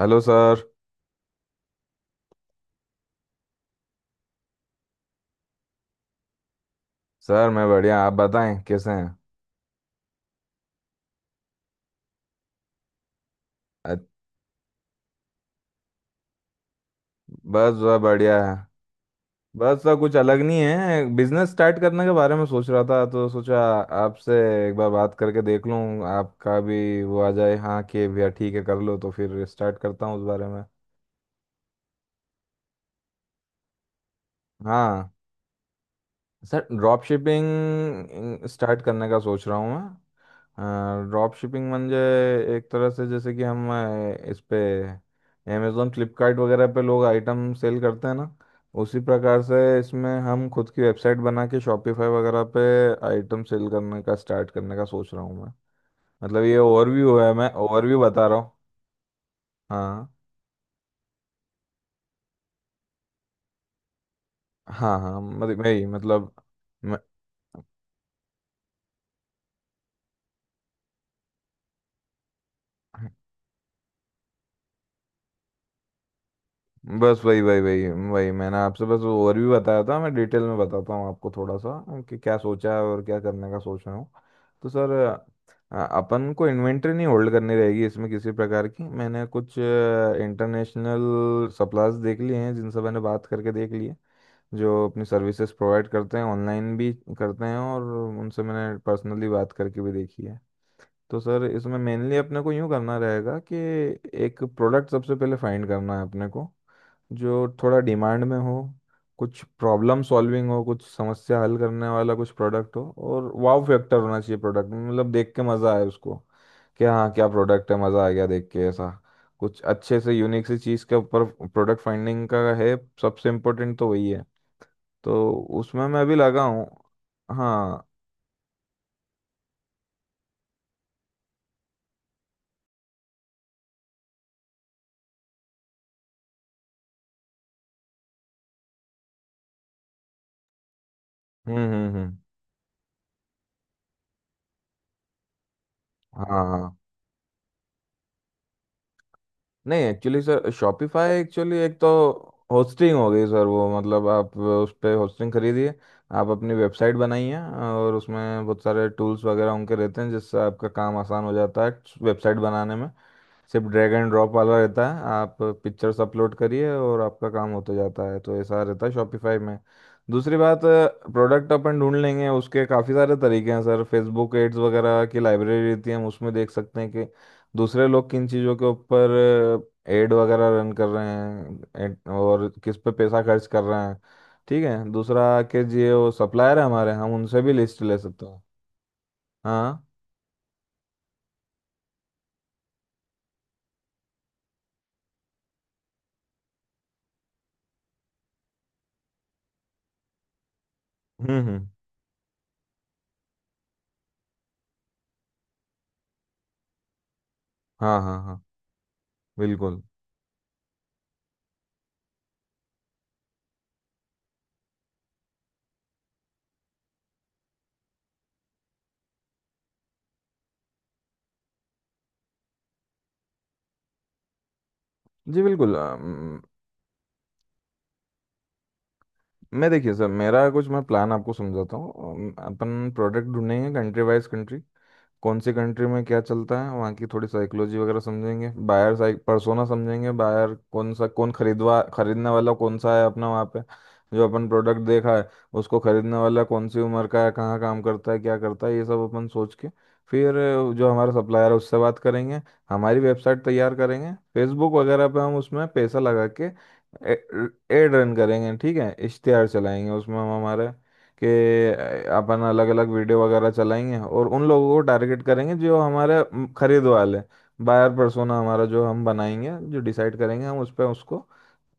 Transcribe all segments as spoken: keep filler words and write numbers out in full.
Hello sir. Sir, मैं बढ़िया। आप बताएं कैसे हैं? अ- बस सब बढ़िया है। बस सर, कुछ अलग नहीं है। बिजनेस स्टार्ट करने के बारे में सोच रहा था तो सोचा आपसे एक बार बात करके देख लूं, आपका भी वो आ जाए, हाँ कि भैया ठीक है कर लो, तो फिर स्टार्ट करता हूँ उस बारे में। हाँ सर, ड्रॉप शिपिंग स्टार्ट करने का सोच रहा हूँ मैं। ड्रॉप शिपिंग म्हणजे एक तरह से जैसे कि हम अ, इस पे अमेजोन फ्लिपकार्ट वगैरह पे लोग आइटम सेल करते हैं ना, उसी प्रकार से इसमें हम खुद की वेबसाइट बना के शॉपिफाई वगैरह पे आइटम सेल करने का स्टार्ट करने का सोच रहा हूँ मैं। मतलब ये ओवरव्यू है, मैं ओवरव्यू बता रहा हूँ। हाँ, हाँ, हाँ मतलब मैं ही मतलब मैं बस वही वही वही वही मैंने आपसे बस ओवरव्यू बताया था। मैं डिटेल में बताता हूँ आपको थोड़ा सा कि क्या सोचा है और क्या करने का सोच रहा हूँ। तो सर, अ, अपन को इन्वेंट्री नहीं होल्ड करनी रहेगी इसमें किसी प्रकार की। मैंने कुछ इंटरनेशनल सप्लायर्स देख लिए हैं जिनसे मैंने बात करके देख लिए, जो अपनी सर्विसेज प्रोवाइड करते हैं ऑनलाइन भी करते हैं, और उनसे मैंने पर्सनली बात करके भी देखी है। तो सर, इसमें मेनली अपने को यूँ करना रहेगा कि एक प्रोडक्ट सबसे पहले फाइंड करना है अपने को, जो थोड़ा डिमांड में हो, कुछ प्रॉब्लम सॉल्विंग हो, कुछ समस्या हल करने वाला कुछ प्रोडक्ट हो, और वाव फैक्टर होना चाहिए प्रोडक्ट में, मतलब देख के मज़ा आए उसको, कि हाँ क्या प्रोडक्ट है मज़ा आ गया देख के, ऐसा कुछ अच्छे से यूनिक सी चीज़ के ऊपर प्रोडक्ट फाइंडिंग का है। सबसे इम्पोर्टेंट तो वही है। तो उसमें मैं अभी लगा हूँ। हाँ, हम्म, हम्म, हम्म। हाँ, नहीं एक्चुअली सर, शॉपिफाई एक्चुअली एक तो होस्टिंग हो गई सर, वो मतलब आप उस पर होस्टिंग खरीदिए, आप अपनी वेबसाइट बनाइए और उसमें बहुत सारे टूल्स वगैरह उनके रहते हैं जिससे आपका काम आसान हो जाता है वेबसाइट बनाने में। सिर्फ ड्रैग एंड ड्रॉप वाला रहता है, आप पिक्चर्स अपलोड करिए और आपका काम होता जाता है, तो ऐसा रहता है शॉपिफाई में। दूसरी बात, प्रोडक्ट अपन ढूंढ लेंगे, उसके काफ़ी सारे तरीके हैं सर, फेसबुक एड्स वगैरह की लाइब्रेरी रहती है, हम उसमें देख सकते हैं कि दूसरे लोग किन चीज़ों के ऊपर एड वगैरह रन कर रहे हैं, ad- और किस पे पैसा खर्च कर रहे हैं। ठीक है दूसरा, कि ये वो सप्लायर है हमारे, हम उनसे भी लिस्ट ले सकते हैं। हाँ, हम्म, हम्म। हाँ, हाँ, हाँ, बिल्कुल। जी बिल्कुल। अम, मैं देखिए सर, मेरा कुछ मैं प्लान आपको समझाता हूँ। अम, अपन प्रोडक्ट ढूंढेंगे कंट्री वाइज। कंट्री कौन सी कंट्री में क्या चलता है, वहाँ की थोड़ी साइकोलॉजी वगैरह समझेंगे, बायर साइक पर्सोना समझेंगे, बायर कौन सा, कौन खरीदवा खरीदने वाला कौन सा है अपना वहाँ पे, जो अपन प्रोडक्ट देखा है उसको खरीदने वाला कौन सी उम्र का है, कहाँ काम करता है, क्या करता है, ये सब अपन सोच के फिर अ, जो हमारा सप्लायर है उससे बात करेंगे, हमारी वेबसाइट तैयार करेंगे, फेसबुक वगैरह पे हम उसमें पैसा लगा के एड रन करेंगे, ठीक है इश्तेहार चलाएंगे उसमें हम हमारे, कि अपन अलग अलग वीडियो वगैरह चलाएंगे और उन लोगों को टारगेट करेंगे जो हमारे म, खरीद वाले बायर पर्सोना हमारा जो हम बनाएंगे, जो डिसाइड करेंगे, हम उस पर उसको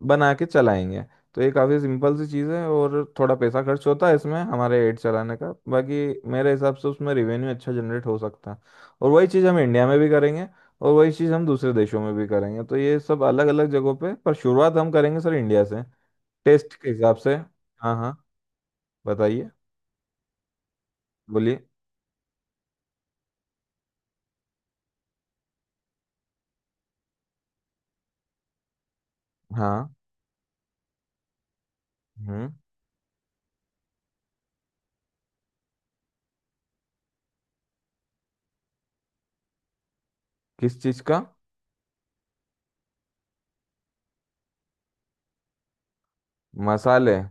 बना के चलाएंगे। तो ये काफ़ी सिंपल सी चीज़ है और थोड़ा पैसा खर्च होता है इसमें हमारे एड चलाने का, बाकी मेरे हिसाब से उसमें रेवेन्यू अच्छा जनरेट हो सकता है। और वही चीज़ हम इंडिया में भी करेंगे, और वही चीज़ हम दूसरे देशों में भी करेंगे, तो ये सब अलग अलग जगहों पे पर शुरुआत हम करेंगे सर इंडिया से, टेस्ट के हिसाब से। हाँ, हाँ। बताइए। बोलिए। हाँ, हम्म। किस चीज का? मसाले? हाँ,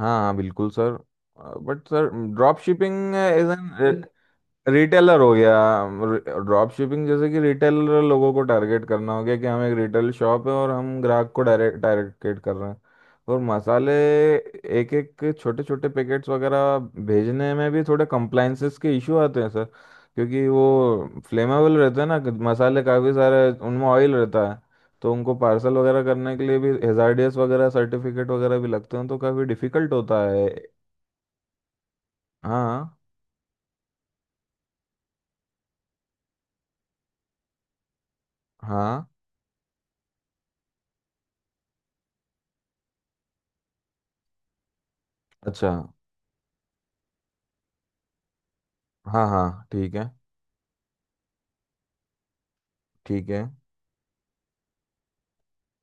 हाँ, बिल्कुल sir. But sir, drop shipping as an retailer हो गया, ड्रॉप शिपिंग जैसे कि रिटेलर लोगों को टारगेट करना हो गया, कि हम एक रिटेल शॉप है और हम ग्राहक को डायरेक्ट टारगेट कर रहे हैं। और मसाले एक एक छोटे छोटे पैकेट्स वगैरह भेजने में भी थोड़े कंप्लाइंसेस के इशू आते हैं सर, क्योंकि वो फ्लेमेबल रहते हैं ना, मसाले काफ़ी सारे उनमें ऑयल रहता है, तो उनको पार्सल वगैरह करने के लिए भी हेजार्डियस वगैरह सर्टिफिकेट वगैरह भी लगते हैं, तो काफ़ी डिफिकल्ट होता है। हाँ, हाँ, अच्छा। हाँ, हाँ, ठीक है। ठीक है,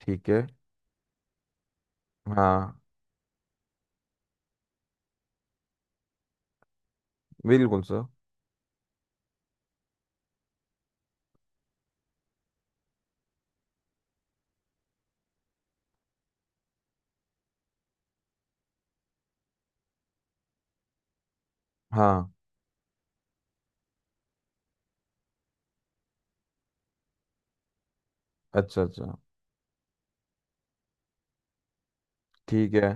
ठीक है। हाँ, बिल्कुल सर। हाँ, अच्छा, अच्छा। ठीक है,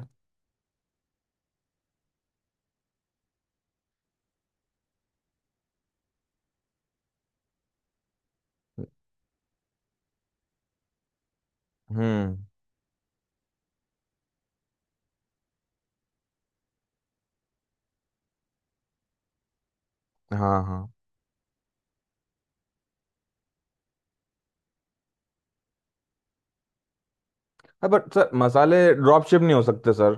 हम्म। हाँ, हाँ, हाँ। बट सर, मसाले ड्रॉप शिप नहीं हो सकते सर,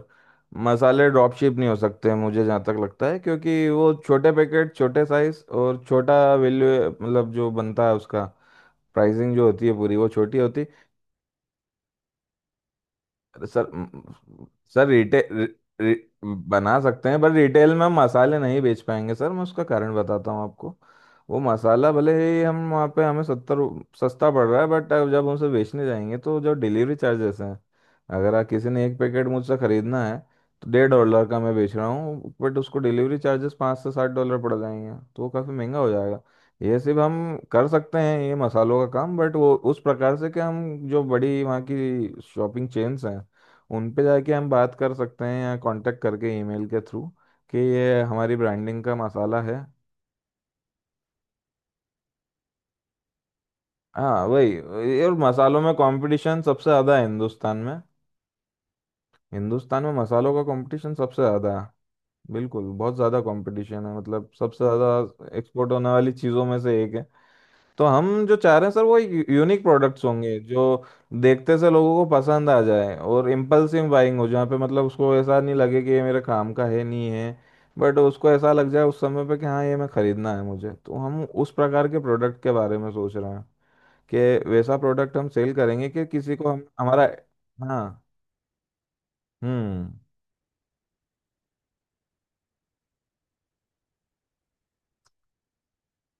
मसाले ड्रॉप शिप नहीं हो सकते मुझे जहाँ तक लगता है, क्योंकि वो छोटे पैकेट, छोटे साइज और छोटा वैल्यू, मतलब जो बनता है उसका प्राइसिंग जो होती है पूरी वो छोटी होती है। अरे सर, म- सर रिटेल बना सकते हैं, पर रिटेल में हम मसाले नहीं बेच पाएंगे सर, मैं उसका कारण बताता हूँ आपको। वो मसाला भले ही हम वहाँ पे हमें सत्तर सस्ता पड़ रहा है, बट जब हम उसे बेचने जाएंगे तो जो डिलीवरी चार्जेस हैं, अगर आ, किसी ने एक पैकेट मुझसे खरीदना है, तो डेढ़ डॉलर का मैं बेच रहा हूँ बट उसको डिलीवरी चार्जेस पाँच से सात डॉलर पड़ जाएंगे, तो वो काफ़ी महंगा हो जाएगा। ये सिर्फ हम कर सकते हैं ये मसालों का काम, बट वो उस प्रकार से कि हम जो बड़ी वहाँ की शॉपिंग चेन्स हैं उन पे जाके हम बात कर सकते हैं या कांटेक्ट करके ईमेल के थ्रू कि ये हमारी ब्रांडिंग का मसाला है। हाँ वही, ये- और मसालों में कंपटीशन सबसे ज़्यादा है हिंदुस्तान में, हिंदुस्तान में मसालों का कंपटीशन सबसे ज़्यादा है। बिल्कुल, बहुत ज़्यादा कंपटीशन है, मतलब सबसे ज़्यादा एक्सपोर्ट होने वाली चीज़ों में से एक है। तो हम जो चाह रहे हैं सर वो एक यूनिक प्रोडक्ट्स होंगे जो देखते से लोगों को पसंद आ जाए और इम्पल्सिव बाइंग हो जहाँ पे, मतलब उसको ऐसा नहीं लगे कि ये मेरे काम का है नहीं है, बट उसको ऐसा लग जाए उस समय पे कि हाँ ये मैं खरीदना है मुझे, तो हम उस प्रकार के प्रोडक्ट के बारे में सोच रहे हैं कि वैसा प्रोडक्ट हम सेल करेंगे कि किसी को हम हमारा। हाँ, हम्म।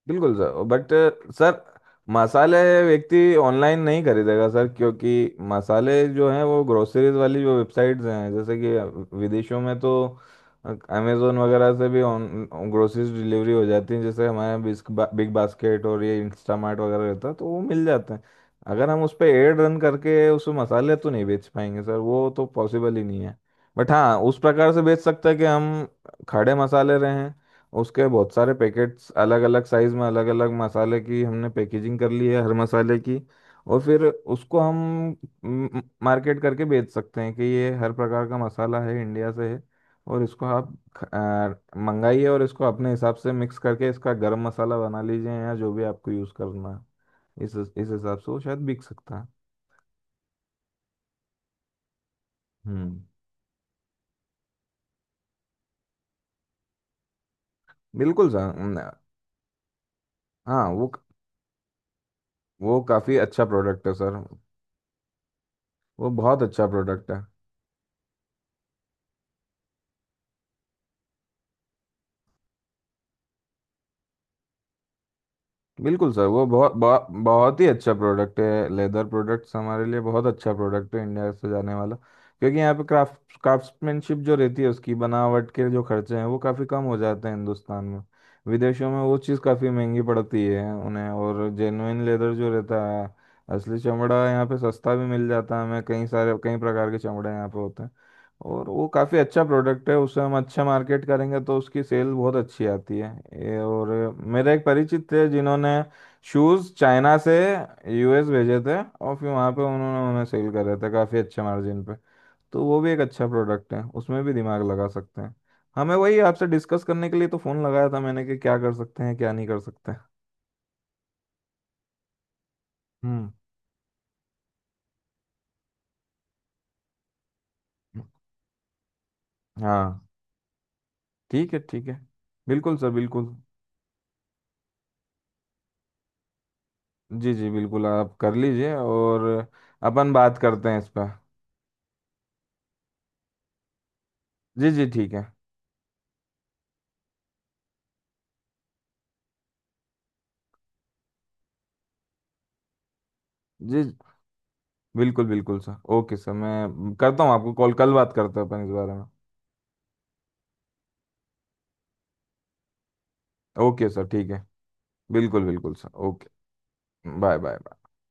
बिल्कुल सर, बट सर मसाले व्यक्ति ऑनलाइन नहीं खरीदेगा सर, क्योंकि मसाले जो हैं वो ग्रोसरीज वाली जो वेबसाइट्स हैं जैसे कि विदेशों में तो अमेजोन वगैरह से भी ऑन ग्रोसरीज डिलीवरी हो जाती है, जैसे हमारे यहाँ बिस्क बा, बिग बास्केट और ये इंस्टामार्ट वगैरह रहता है तो वो मिल जाते हैं। अगर हम उस पर एड रन करके उस मसाले तो नहीं बेच पाएंगे सर, वो तो पॉसिबल ही नहीं है। बट हाँ उस प्रकार से बेच सकते हैं कि हम खड़े मसाले रहें, उसके बहुत सारे पैकेट्स अलग अलग साइज में, अलग अलग मसाले की हमने पैकेजिंग कर ली है हर मसाले की, और फिर उसको हम मार्केट करके बेच सकते हैं कि ये हर प्रकार का मसाला है इंडिया से है, और इसको आप ख- अ, मंगाइए और इसको अपने हिसाब से मिक्स करके इसका गरम मसाला बना लीजिए या जो भी आपको यूज़ करना है, इस इस हिसाब से वो शायद बिक सकता है। हम्म, बिल्कुल सर, न- हाँ वो वो काफ़ी अच्छा प्रोडक्ट है सर। वो बहुत अच्छा प्रोडक्ट है। बिल्कुल सर, वो बहुत बहुत बहुत ही अच्छा प्रोडक्ट है, लेदर प्रोडक्ट्स हमारे लिए बहुत अच्छा प्रोडक्ट है इंडिया से जाने वाला, क्योंकि यहाँ पे क्राफ्ट क्राफ्ट्समैनशिप जो रहती है उसकी बनावट के जो खर्चे हैं वो काफ़ी कम हो जाते हैं हिंदुस्तान में। विदेशों में वो चीज़ काफ़ी महंगी पड़ती है उन्हें, और जेन्युइन लेदर जो रहता है असली चमड़ा यहाँ पे सस्ता भी मिल जाता है हमें, कई सारे कई प्रकार के चमड़े यहाँ पे होते हैं। और वो काफ़ी अच्छा प्रोडक्ट है, उसे हम अच्छा मार्केट करेंगे तो उसकी सेल बहुत अच्छी आती है, ये और मेरे एक परिचित थे जिन्होंने शूज़ चाइना से यू एस भेजे थे और फिर वहाँ पे उन्होंने उन्हें सेल कर रहे थे काफ़ी अच्छे मार्जिन पे, तो वो भी एक अच्छा प्रोडक्ट है, उसमें भी दिमाग लगा सकते हैं। हमें वही आपसे डिस्कस करने के लिए तो फ़ोन लगाया था मैंने कि क्या कर सकते हैं क्या नहीं कर सकते। हम्म, हाँ, ठीक है, ठीक है, बिल्कुल सर, बिल्कुल। जी, जी बिल्कुल, आप कर लीजिए और अपन बात करते हैं इस पर। जी, जी ठीक है जी, बिल्कुल बिल्कुल सर, ओके सर, मैं करता हूँ आपको कॉल, कल बात करते हैं अपन इस बारे में। ओके सर ठीक है, बिल्कुल बिल्कुल सर, ओके। Bye, bye.